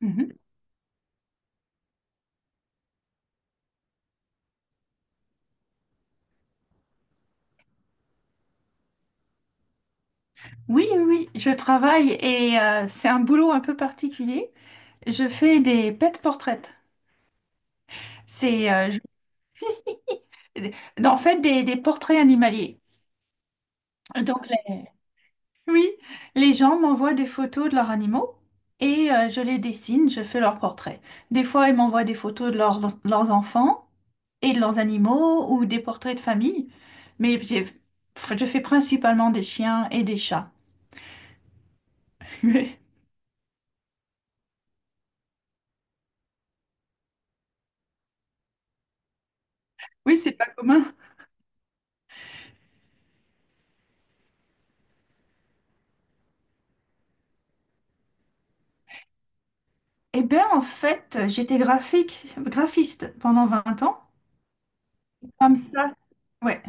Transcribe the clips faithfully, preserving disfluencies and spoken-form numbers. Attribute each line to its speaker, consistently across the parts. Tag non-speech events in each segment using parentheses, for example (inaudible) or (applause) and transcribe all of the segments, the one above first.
Speaker 1: Mhm. Oui, oui, oui, je travaille et euh, c'est un boulot un peu particulier. Je fais des pet portraits. C'est euh, je- en fait des, des portraits animaliers. Donc, les- oui, les gens m'envoient des photos de leurs animaux et euh, je les dessine, je fais leurs portraits. Des fois, ils m'envoient des photos de leurs leurs enfants et de leurs animaux ou des portraits de famille. Mais j'ai- je fais principalement des chiens et des chats. (laughs) Oui, c'est pas commun. Eh bien, en fait, j'étais graphique, graphiste pendant vingt ans. Comme ça, ouais.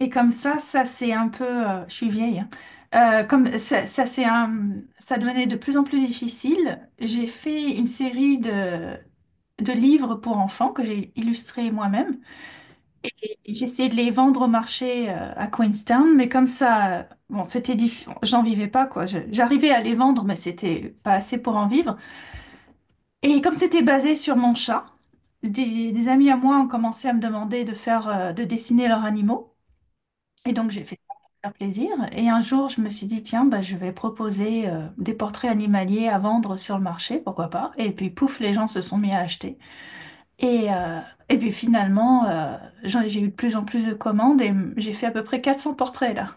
Speaker 1: Et comme ça, ça c'est un peu, euh, je suis vieille, hein. Euh, comme ça, ça c'est un, Ça devenait de plus en plus difficile. J'ai fait une série de de livres pour enfants que j'ai illustrés moi-même. Et j'ai essayé de les vendre au marché euh, à Queenstown, mais comme ça, bon, c'était difficile. J'en vivais pas, quoi. Je- J'arrivais à les vendre, mais c'était pas assez pour en vivre. Et comme c'était basé sur mon chat, des, des amis à moi ont commencé à me demander de faire, euh, de dessiner leurs animaux. Et donc j'ai fait ça pour faire plaisir. Et un jour, je me suis dit, tiens, bah, je vais proposer euh, des portraits animaliers à vendre sur le marché, pourquoi pas. Et puis pouf, les gens se sont mis à acheter. Et, euh, et puis finalement, euh, j'en- j'ai eu de plus en plus de commandes et mm, j'ai fait à peu près quatre cents portraits là.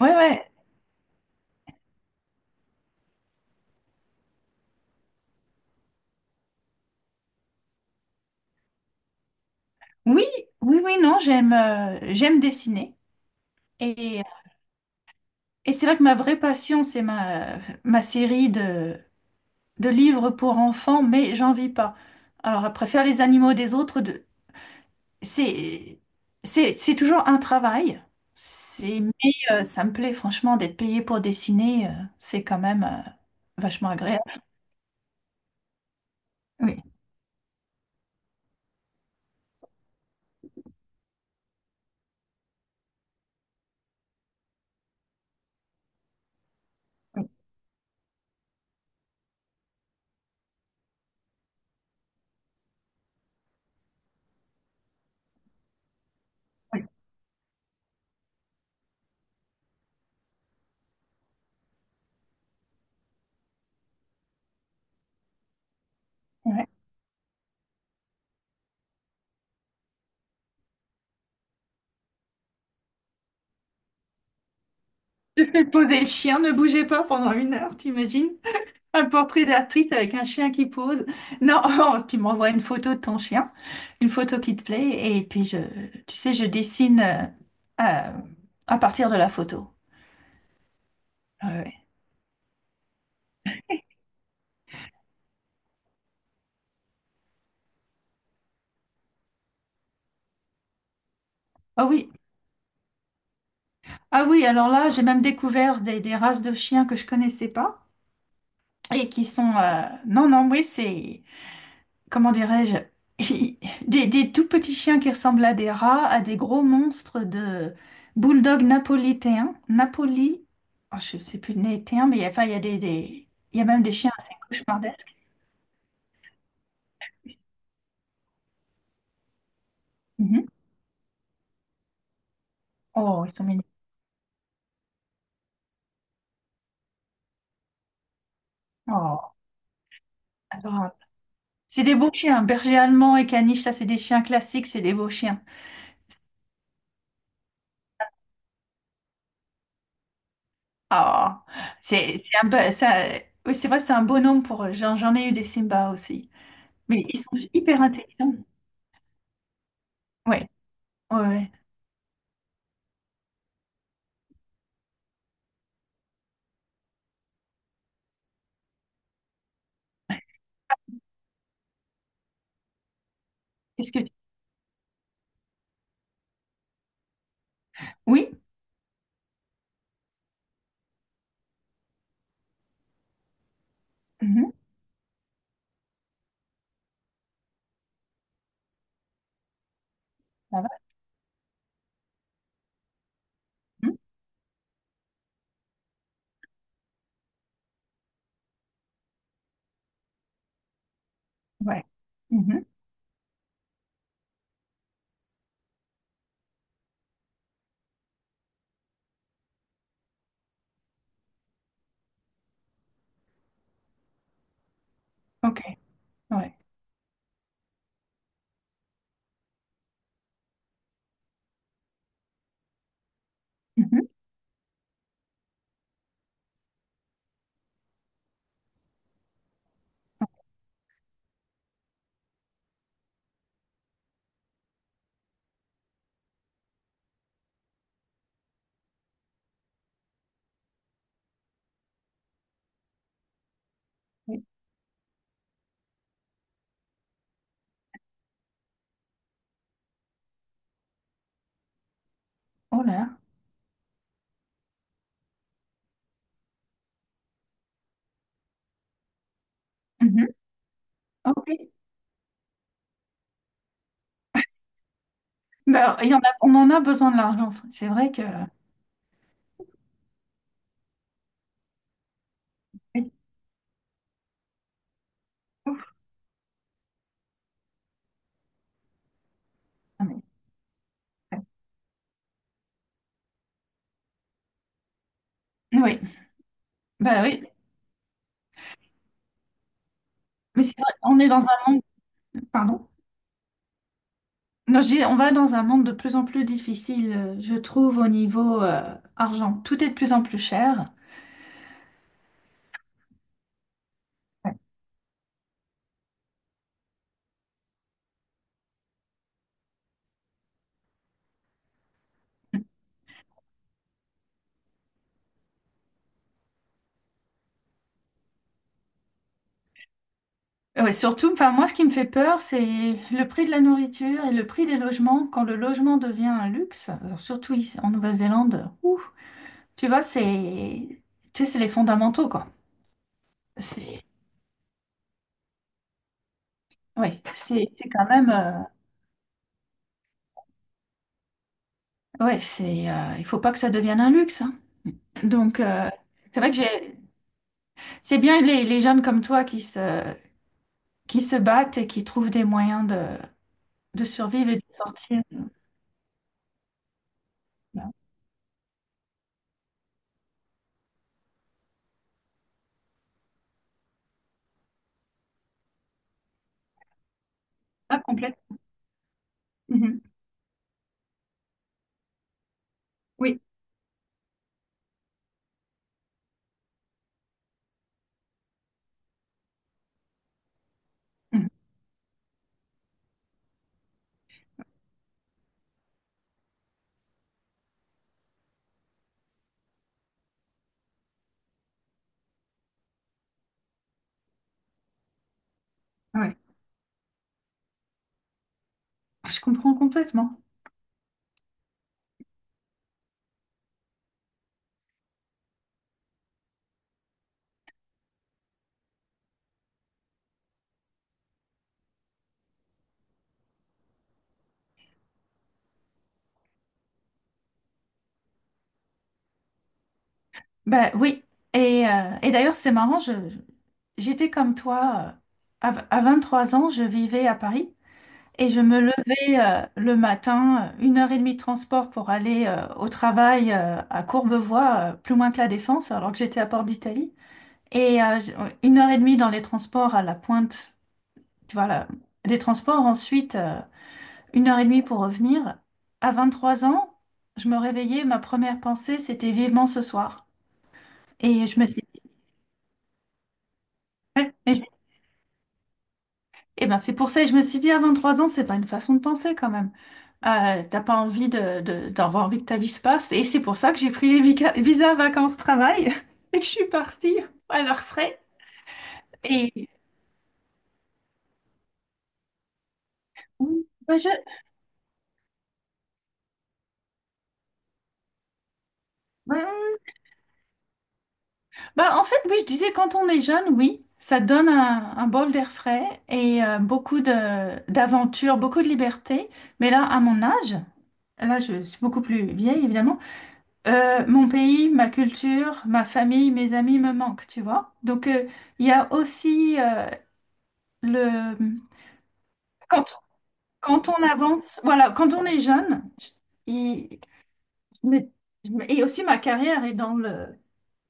Speaker 1: Ouais, ouais. Oui, oui, oui, non, j'aime euh, j'aime dessiner. Et Et c'est là que ma vraie passion, c'est ma, ma série de, de livres pour enfants, mais j'en vis pas. Alors, après, faire les animaux des autres, de- c'est, c'est, c'est toujours un travail. C'est, mais euh, Ça me plaît, franchement, d'être payé pour dessiner, euh, c'est quand même euh, vachement agréable. Oui, oui, oui. Ouais. Poser le chien, ne bougez pas pendant une heure, t'imagines? Un portrait d'actrice avec un chien qui pose. Non, (laughs) tu m'envoies une photo de ton chien, une photo qui te plaît, et puis je, tu sais, je dessine euh, euh, à partir de la photo. Ah ouais. Ah oui, ah oui, alors là, j'ai même découvert des, des races de chiens que je connaissais pas et qui sont, euh, Non, non, oui, c'est, comment dirais-je, (laughs) des, des tout petits chiens qui ressemblent à des rats, à des gros monstres de bulldog napolitain, Napoli, oh, je sais plus néitain, mais enfin il y a des, des- il y a même des chiens Schmardes. Mhm. Oh, ils sont mignons. Oh, adorable. C'est des beaux chiens, berger allemand et caniche, ça c'est des chiens classiques, c'est des beaux chiens. Oh, c'est c'est un peu- ça, oui, c'est vrai, c'est un bonhomme pour eux. J'en j'en ai eu des Simba aussi, mais ils sont hyper intelligents. Ouais, ouais, ouais. Qu'est-ce que tu- Oui. Mhm. Mhm. Ouais. Mhm. OK. Ouais. Mhm. Oui. Oh là. Mhm. OK. Ben, il y en a, on en a besoin de l'argent. C'est vrai que. Oui. Ouf. Ah, mais- Oui. Ben oui. Mais c'est vrai, on est dans un monde. Pardon. Non, je dis, on va dans un monde de plus en plus difficile, euh, je trouve, au niveau euh, argent. Tout est de plus en plus cher. Ouais. Ouais, surtout, enfin, moi, ce qui me fait peur, c'est le prix de la nourriture et le prix des logements. Quand le logement devient un luxe, alors surtout ici, en Nouvelle-Zélande, ouf. Tu vois, c'est tu sais, c'est les fondamentaux, quoi. C'est Ouais, c'est c'est quand même euh, ouais, c'est euh, il faut pas que ça devienne un luxe, hein. Donc euh, c'est vrai que j'ai c'est bien les, les jeunes comme toi qui se qui se battent et qui trouvent des moyens de, de survivre et de sortir. Ah, complète. Mhm. Oui. Mhm. Ouais. Je comprends complètement. Bah oui. Et, euh, et d'ailleurs, c'est marrant, je, j'étais comme toi, euh, à, à trois ans, je vivais à Paris. Et je me levais euh, le matin, euh, une heure et demie de transport pour aller euh, au travail euh, à Courbevoie, euh, plus loin que la Défense, alors que j'étais à Port d'Italie. Et euh, j- une heure et demie dans les transports à la pointe, tu vois, là, des transports. Ensuite, euh, une heure et demie pour revenir. À vingt trois ans, je me réveillais, ma première pensée, c'était vivement ce soir. Et je me dis, mais eh ben, c'est pour ça que je me suis dit, à vingt-trois ans, c'est pas une façon de penser quand même. Euh, t'as pas envie de, de- d'avoir envie que ta vie se passe. Et c'est pour ça que j'ai pris les vica- visas vacances-travail (laughs) et que je suis partie à leurs frais. Et oui, bah, je- bah, Bah, en fait, oui, je disais, quand on est jeune, oui, ça donne un, un bol d'air frais et euh, beaucoup de, d'aventures, beaucoup de liberté. Mais là, à mon âge, là, je suis beaucoup plus vieille, évidemment. Euh, mon pays, ma culture, ma famille, mes amis me manquent, tu vois. Donc, euh, il y a aussi euh, le... Quand, Quand on avance, voilà, quand on est jeune, je- il- mais- et aussi ma carrière est dans le...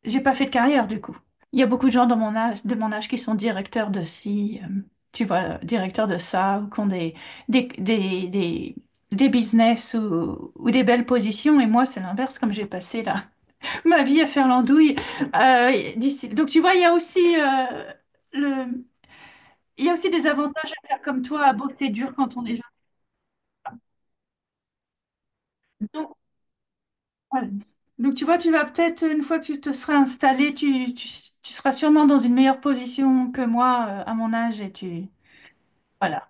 Speaker 1: J'ai pas fait de carrière, du coup. Il y a beaucoup de gens dans mon âge, de mon âge qui sont directeurs de ci, euh, tu vois, directeurs de ça, ou qui ont des, des, des, des, des business ou, ou des belles positions. Et moi, c'est l'inverse, comme j'ai passé là ma vie à faire l'andouille. Euh, d'ici- donc tu vois, il y a aussi euh, le, il y a aussi des avantages à faire comme toi, à bosser dur quand on est jeune. Donc, voilà. Donc, tu vois, tu vas peut-être une fois que tu te seras installé, tu, tu, tu seras sûrement dans une meilleure position que moi euh, à mon âge et tu voilà,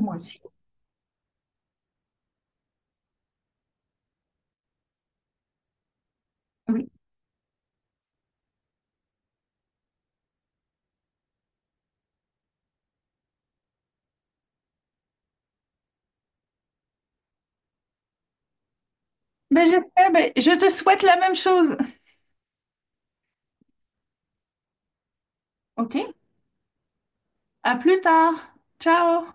Speaker 1: moi aussi. Oui. Ben, j'espère, ben, je te souhaite la même chose. OK? À plus tard. Ciao.